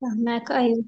فهماك، ايوه.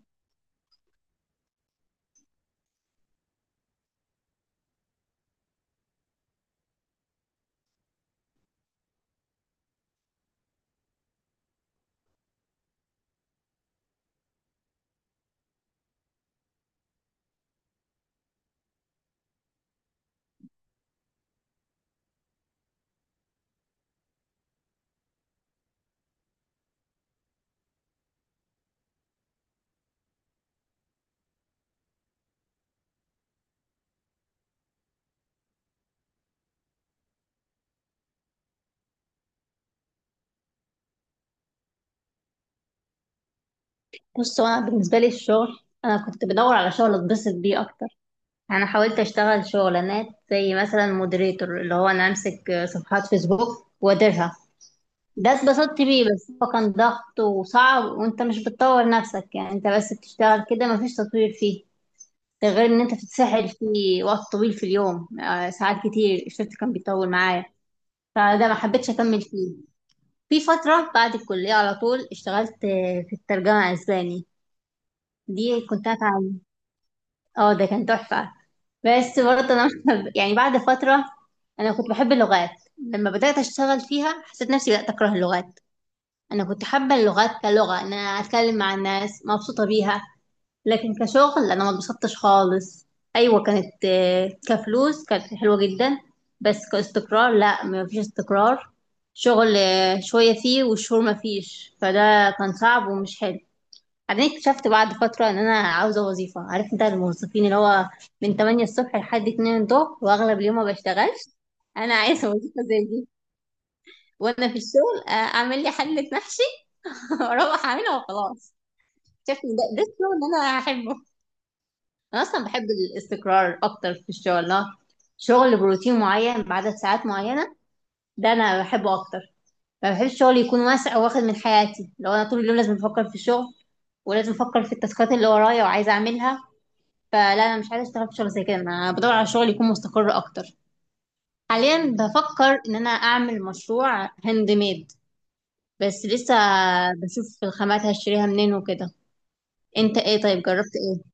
بص، هو انا بالنسبه لي الشغل، انا كنت بدور على شغل اتبسط بيه اكتر. انا حاولت اشتغل شغلانات زي مثلا مودريتور، اللي هو انا امسك صفحات فيسبوك واديرها. ده اتبسطت بيه، بس هو كان ضغط وصعب وانت مش بتطور نفسك، يعني انت بس بتشتغل كده، مفيش تطوير فيه. ده غير ان انت بتتسحل فيه وقت طويل في اليوم، آه، ساعات كتير الشفت كان بيطول معايا. فده ما حبيتش اكمل فيه. في فتره بعد الكليه على طول اشتغلت، آه، في الترجمه اسباني. دي كنت هتعلم. اه، ده كان تحفة. بس برضه انا يعني بعد فترة، انا كنت بحب اللغات. لما بدأت اشتغل فيها حسيت نفسي بدأت اكره اللغات. انا كنت حابة اللغات كلغة، ان انا اتكلم مع الناس مبسوطة بيها، لكن كشغل انا ما اتبسطتش خالص. ايوه، كانت، آه، كفلوس كانت حلوة جدا، بس كاستقرار لا، ما فيش استقرار. شغل، آه، شوية فيه والشهور ما فيش، فده كان صعب ومش حلو. بعدين اكتشفت بعد فترة ان انا عاوزة وظيفة. عارف انت الموظفين اللي هو من 8 الصبح لحد 2 الظهر واغلب اليوم ما بشتغلش. انا عايزة وظيفة زي دي، وانا في الشغل، آه، اعمل لي حلة محشي واروح اعملها وخلاص. اكتشفت ان ده الشغل اللي انا هحبه. انا اصلا بحب الاستقرار اكتر في الشغل. لا، شغل بروتين معين بعدد ساعات معينة، ده انا بحبه اكتر. ما بحبش الشغل يكون واسع واخد من حياتي، لو انا طول اليوم لازم افكر في الشغل ولازم افكر في التاسكات اللي ورايا وعايزه اعملها. فلا، انا مش عايزه اشتغل في شغل زي كده، انا بدور على شغل يكون مستقر اكتر. حاليا بفكر ان انا اعمل مشروع هاند ميد، بس لسه بشوف الخامات هشتريها منين وكده. انت ايه؟ طيب جربت ايه؟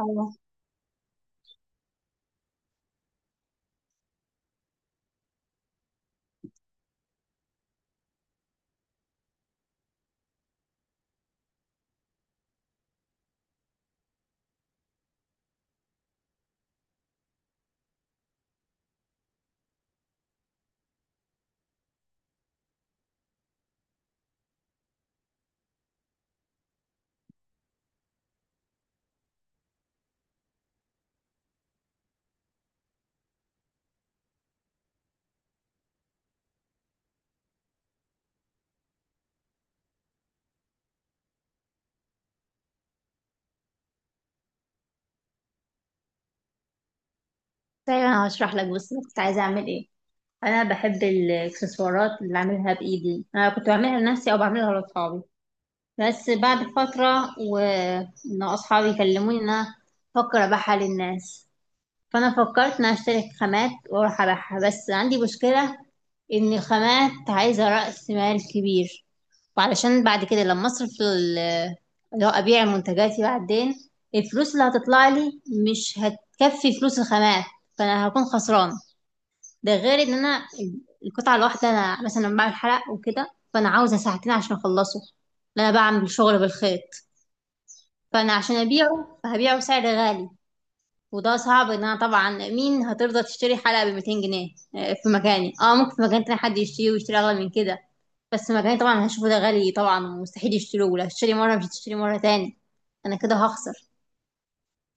ايوه. طيب انا هشرح لك بس أنا كنت عايزه اعمل ايه. انا بحب الاكسسوارات اللي اعملها بايدي. انا كنت بعملها لنفسي او بعملها لاصحابي، بس بعد فتره وان اصحابي يكلموني ان انا افكر ابيعها للناس. فانا فكرت ان اشتري خامات واروح ابيعها، بس عندي مشكله ان الخامات عايزه راس مال كبير، وعلشان بعد كده لما اصرف اللي هو ابيع منتجاتي بعدين، الفلوس اللي هتطلع لي مش هتكفي فلوس الخامات، فانا هكون خسران. ده غير ان انا القطعه الواحده، انا مثلا لما بعمل حلق وكده فانا عاوزه ساعتين عشان اخلصه، لأن انا بعمل شغل بالخيط. فانا عشان ابيعه فهبيعه بسعر غالي، وده صعب. ان انا طبعا مين هترضى تشتري حلقة ب 200 جنيه؟ آه، في مكاني، اه، ممكن في مكان تاني حد يشتري، ويشتري اغلى من كده، بس مكاني طبعا هشوفه ده غالي طبعا ومستحيل يشتروه. لو هتشتري مرة مش هتشتري مرة تاني، انا كده هخسر.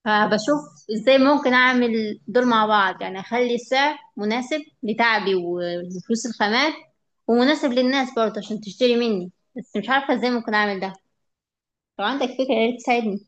فبشوف ازاي ممكن اعمل دول مع بعض، يعني اخلي السعر مناسب لتعبي وفلوس الخامات ومناسب للناس برضه عشان تشتري مني، بس مش عارفة ازاي ممكن اعمل ده. لو عندك فكرة يا ريت تساعدني.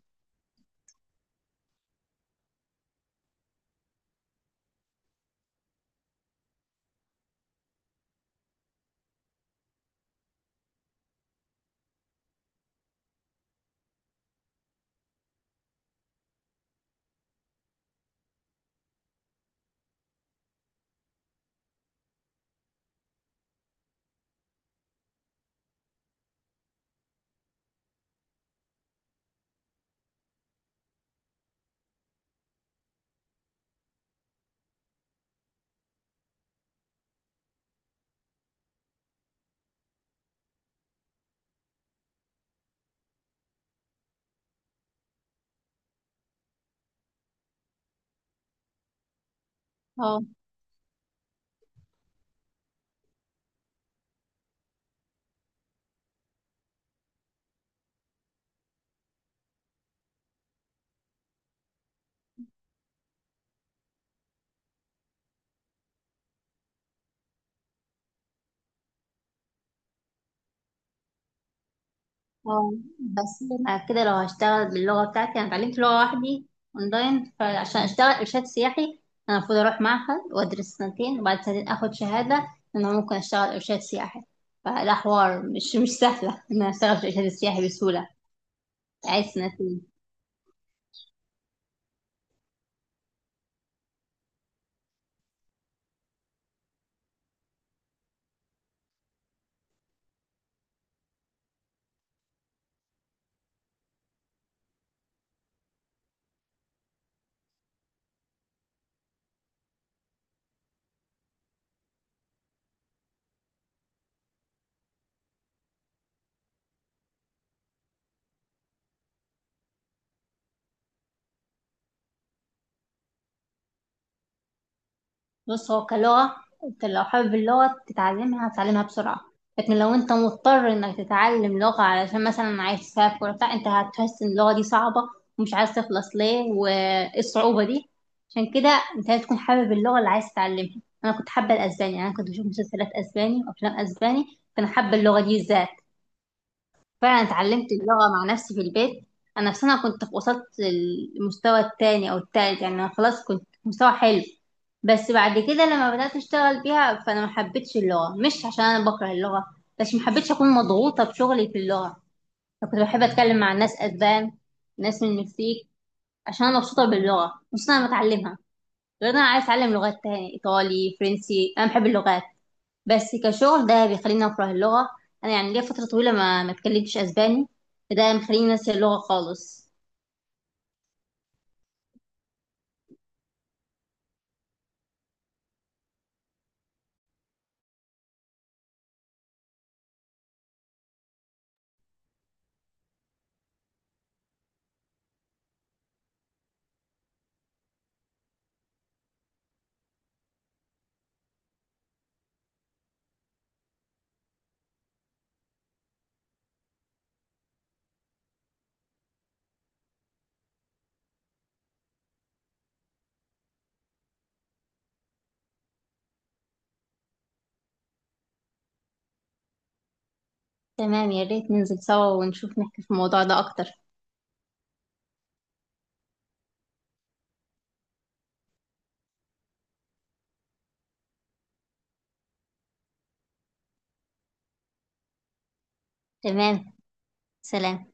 اه. اه، بس انا كده لو هشتغل باللغه بتاعتي، انا اتعلمت لغه وحدي اونلاين، فعشان اشتغل ارشاد سياحي انا المفروض اروح معهد وادرس سنتين وبعد سنتين اخد شهاده ان انا ممكن اشتغل ارشاد سياحي. فده حوار مش سهله ان انا اشتغل في الارشاد السياحي بسهوله. عايز سنتين. بص، هو كلغة انت لو حابب اللغة تتعلمها هتتعلمها بسرعة، لكن لو انت مضطر انك تتعلم لغة علشان مثلا عايز تسافر بتاع، انت هتحس ان اللغة دي صعبة ومش عايز تخلص ليه وايه الصعوبة دي. عشان كده انت لازم تكون حابب اللغة اللي عايز تتعلمها. انا كنت حابة الاسباني، يعني انا كنت بشوف مسلسلات اسباني وافلام اسباني، فانا حابة اللغة دي ازاي. فعلا اتعلمت اللغة مع نفسي في البيت. أنا في سنة كنت وصلت للمستوى التاني أو التالت، يعني أنا خلاص كنت في مستوى حلو. بس بعد كده لما بدأت أشتغل بيها فأنا محبتش اللغة. مش عشان أنا بكره اللغة، بس محبتش أكون مضغوطة بشغلي في اللغة. أنا كنت بحب أتكلم مع ناس أسبان، ناس من المكسيك، عشان أنا مبسوطة باللغة، مبسوطة أنا بتعلمها. غير إن أنا عايز أتعلم لغات تاني، إيطالي فرنسي. أنا بحب اللغات، بس كشغل ده بيخليني أكره اللغة. أنا يعني ليا فترة طويلة ما اتكلمتش أسباني، فده مخليني ناسية اللغة خالص. تمام، يا ريت ننزل سوا ونشوف نحكي في الموضوع ده أكتر. تمام. سلام.